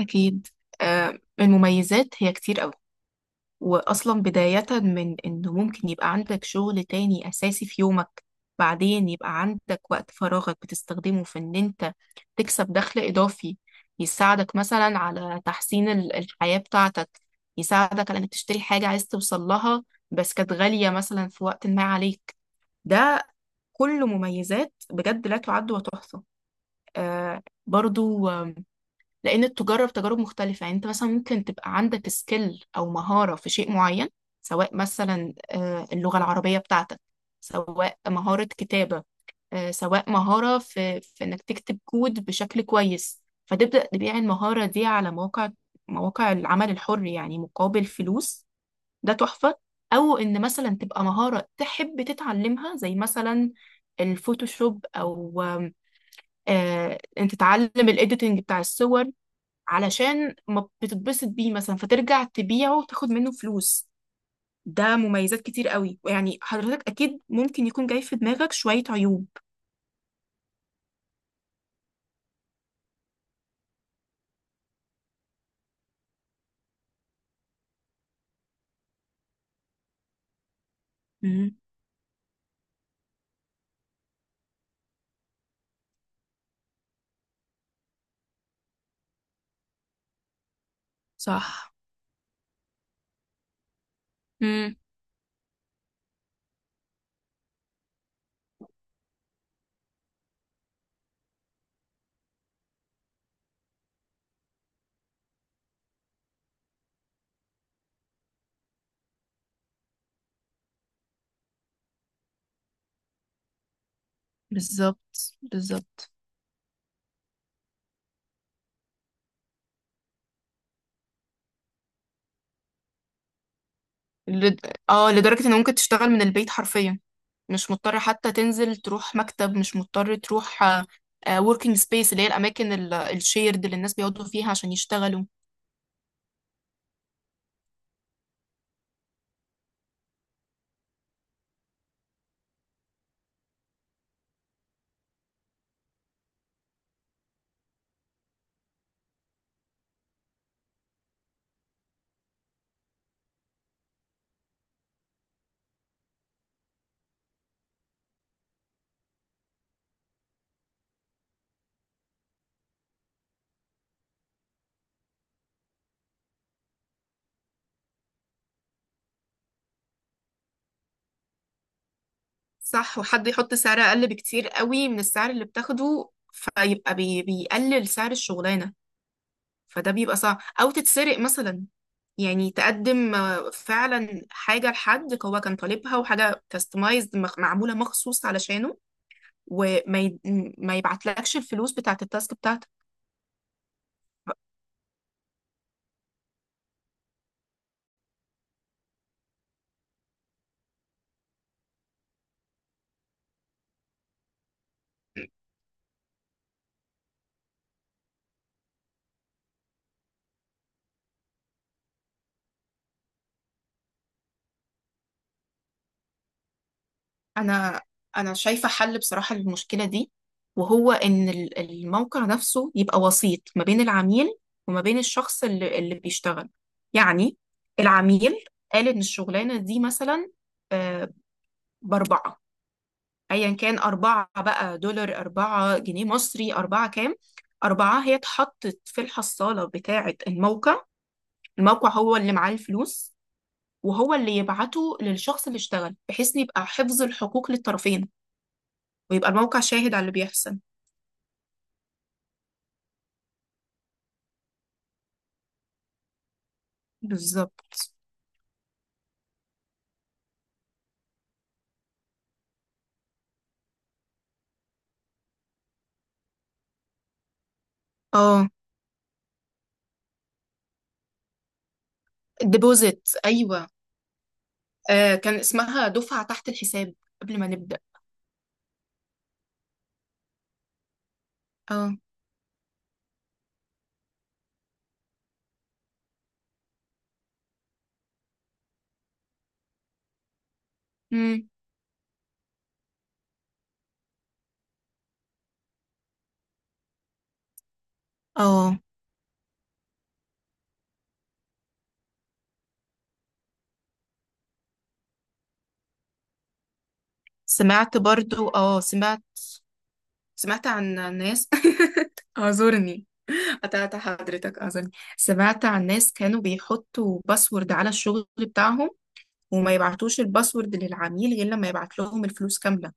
أكيد. المميزات هي كتير أوي. وأصلا بداية من إنه ممكن يبقى عندك شغل تاني أساسي في يومك. بعدين يبقى عندك وقت فراغك بتستخدمه في إن أنت تكسب دخل إضافي. يساعدك مثلا على تحسين الحياة بتاعتك. يساعدك على إنك تشتري حاجة عايز توصل لها، بس كانت غالية مثلا في وقت ما عليك. ده كله مميزات بجد لا تعد وتحصى. آه برضو، لان تجرب تجارب مختلفة، يعني انت مثلا ممكن تبقى عندك سكيل او مهارة في شيء معين، سواء مثلا اللغة العربية بتاعتك، سواء مهارة كتابة. سواء مهارة في انك تكتب كود بشكل كويس، فتبدأ تبيع المهارة دي على مواقع العمل الحر يعني مقابل فلوس. ده تحفة. او ان مثلا تبقى مهارة تحب تتعلمها زي مثلا الفوتوشوب، او انت تتعلم الايديتنج بتاع الصور، علشان ما بتتبسط بيه مثلا فترجع تبيعه وتاخد منه فلوس. ده مميزات كتير قوي. يعني حضرتك اكيد ممكن يكون جاي في دماغك شوية عيوب. مم. صح. مم. بالظبط، بالظبط. لد... اه، لدرجة ان ممكن تشتغل من البيت حرفيا. مش مضطر حتى تنزل تروح مكتب، مش مضطر تروح working space، اللي هي الاماكن الشيرد اللي الناس بيقعدوا فيها عشان يشتغلوا. صح، وحد يحط سعر اقل بكتير قوي من السعر اللي بتاخده، فيبقى بيقلل سعر الشغلانة. فده بيبقى صعب، او تتسرق مثلا. يعني تقدم فعلا حاجة لحد هو كان طالبها، وحاجة كاستمايزد معمولة مخصوص علشانه، وما ي... ما يبعتلكش الفلوس بتاعت التاسك بتاعتك. انا انا شايفه حل بصراحه للمشكله دي. وهو ان الموقع نفسه يبقى وسيط ما بين العميل وما بين الشخص اللي بيشتغل. يعني العميل قال ان الشغلانه دي مثلا آه، باربعه، ايا كان اربعه بقى دولار، اربعه جنيه مصري، اربعه كام. اربعه هي اتحطت في الحصاله بتاعه الموقع، الموقع هو اللي معاه الفلوس، وهو اللي يبعته للشخص اللي اشتغل، بحيث إن يبقى حفظ الحقوق للطرفين، ويبقى الموقع شاهد على اللي بيحصل. بالظبط. اه، الديبوزيت، ايوه. كان اسمها دفعة تحت الحساب قبل ما نبدأ. اه. امم. اه، سمعت برضو، اه، سمعت عن ناس اعذرني. قطعت حضرتك، اعذرني. سمعت عن ناس كانوا بيحطوا باسورد على الشغل بتاعهم، وما يبعتوش الباسورد للعميل غير لما يبعت لهم الفلوس كاملة.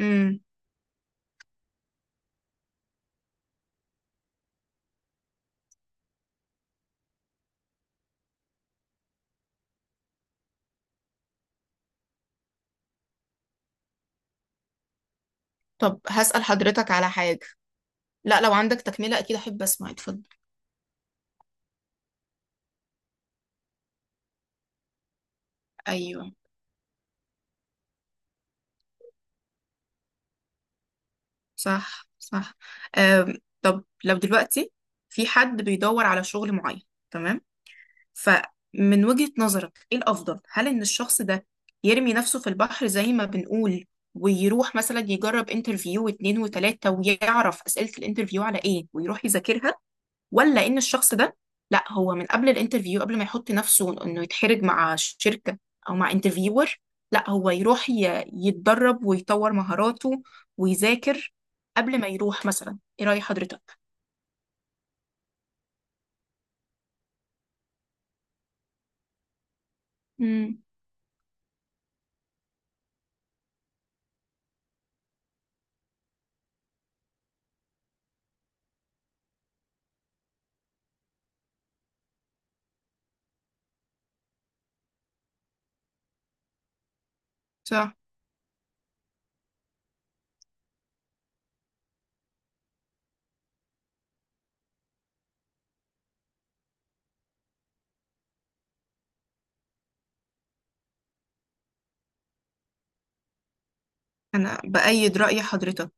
امم طب هسأل حضرتك على حاجة. لا، لو عندك تكملة اكيد احب اسمع، اتفضل. ايوه، صح، صح. طب لو دلوقتي في حد بيدور على شغل معين، تمام؟ فمن وجهة نظرك ايه الأفضل؟ هل إن الشخص ده يرمي نفسه في البحر زي ما بنقول، ويروح مثلا يجرب انترفيو واتنين وتلاتة، ويعرف أسئلة الانترفيو على ايه ويروح يذاكرها؟ ولا ان الشخص ده، لا هو من قبل الانترفيو، قبل ما يحط نفسه انه يتحرج مع شركة او مع انترفيور، لا هو يروح يتدرب ويطور مهاراته ويذاكر قبل ما يروح مثلا؟ ايه رأي حضرتك؟ امم صح، انا بأيد رأي حضرتك.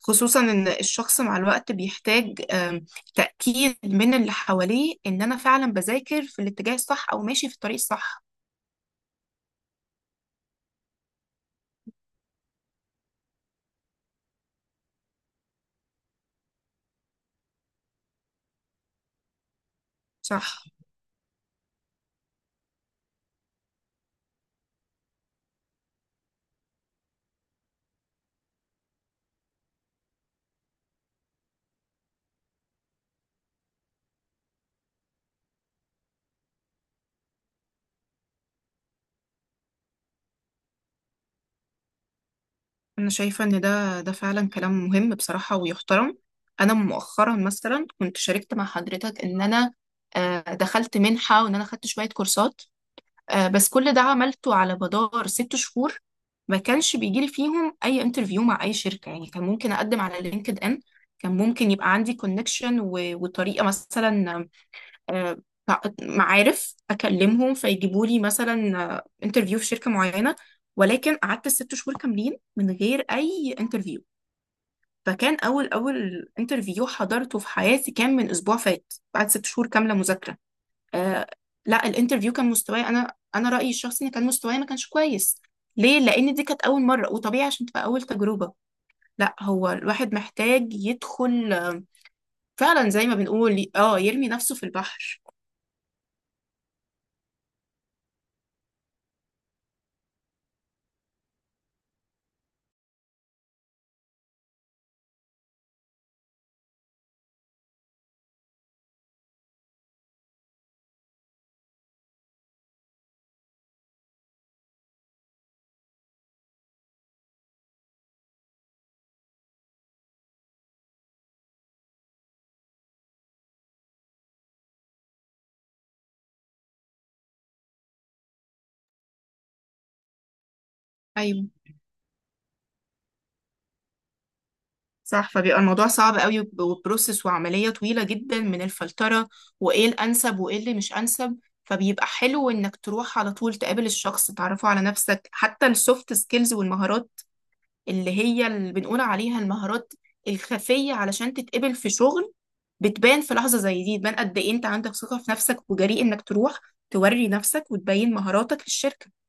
خصوصا ان الشخص مع الوقت بيحتاج تأكيد من اللي حواليه ان انا فعلا بذاكر في الاتجاه الصح او ماشي في الطريق الصح. صح. أنا شايفة إن ده فعلا كلام مهم بصراحة ويحترم. أنا مؤخرا مثلا كنت شاركت مع حضرتك إن أنا دخلت منحة وإن أنا خدت شوية كورسات. بس كل ده عملته على مدار 6 شهور. ما كانش بيجيلي فيهم أي انترفيو مع أي شركة. يعني كان ممكن أقدم على لينكد إن، كان ممكن يبقى عندي كونكشن وطريقة مثلا، آه، معارف اكلمهم فيجيبوا لي مثلا انترفيو في شركه معينه. ولكن قعدت 6 شهور كاملين من غير اي انترفيو. فكان اول انترفيو حضرته في حياتي كان من اسبوع فات، بعد 6 شهور كامله مذاكره. آه لا، الانترفيو كان مستواي، انا رايي الشخصي ان كان مستواي ما كانش كويس. ليه؟ لان دي كانت اول مره، وطبيعي عشان تبقى اول تجربه. لا، هو الواحد محتاج يدخل فعلا زي ما بنقول، اه يرمي نفسه في البحر. ايوه، صح. فبيبقى الموضوع صعب قوي، وبروسس وعملية طويلة جدا من الفلترة، وايه الانسب وايه اللي مش انسب. فبيبقى حلو انك تروح على طول تقابل الشخص، تعرفه على نفسك، حتى السوفت سكيلز والمهارات اللي هي اللي بنقول عليها المهارات الخفية، علشان تتقبل في شغل. بتبان في لحظة زي دي، بتبان قد ايه انت عندك ثقة في نفسك وجريء انك تروح توري نفسك وتبين مهاراتك للشركة.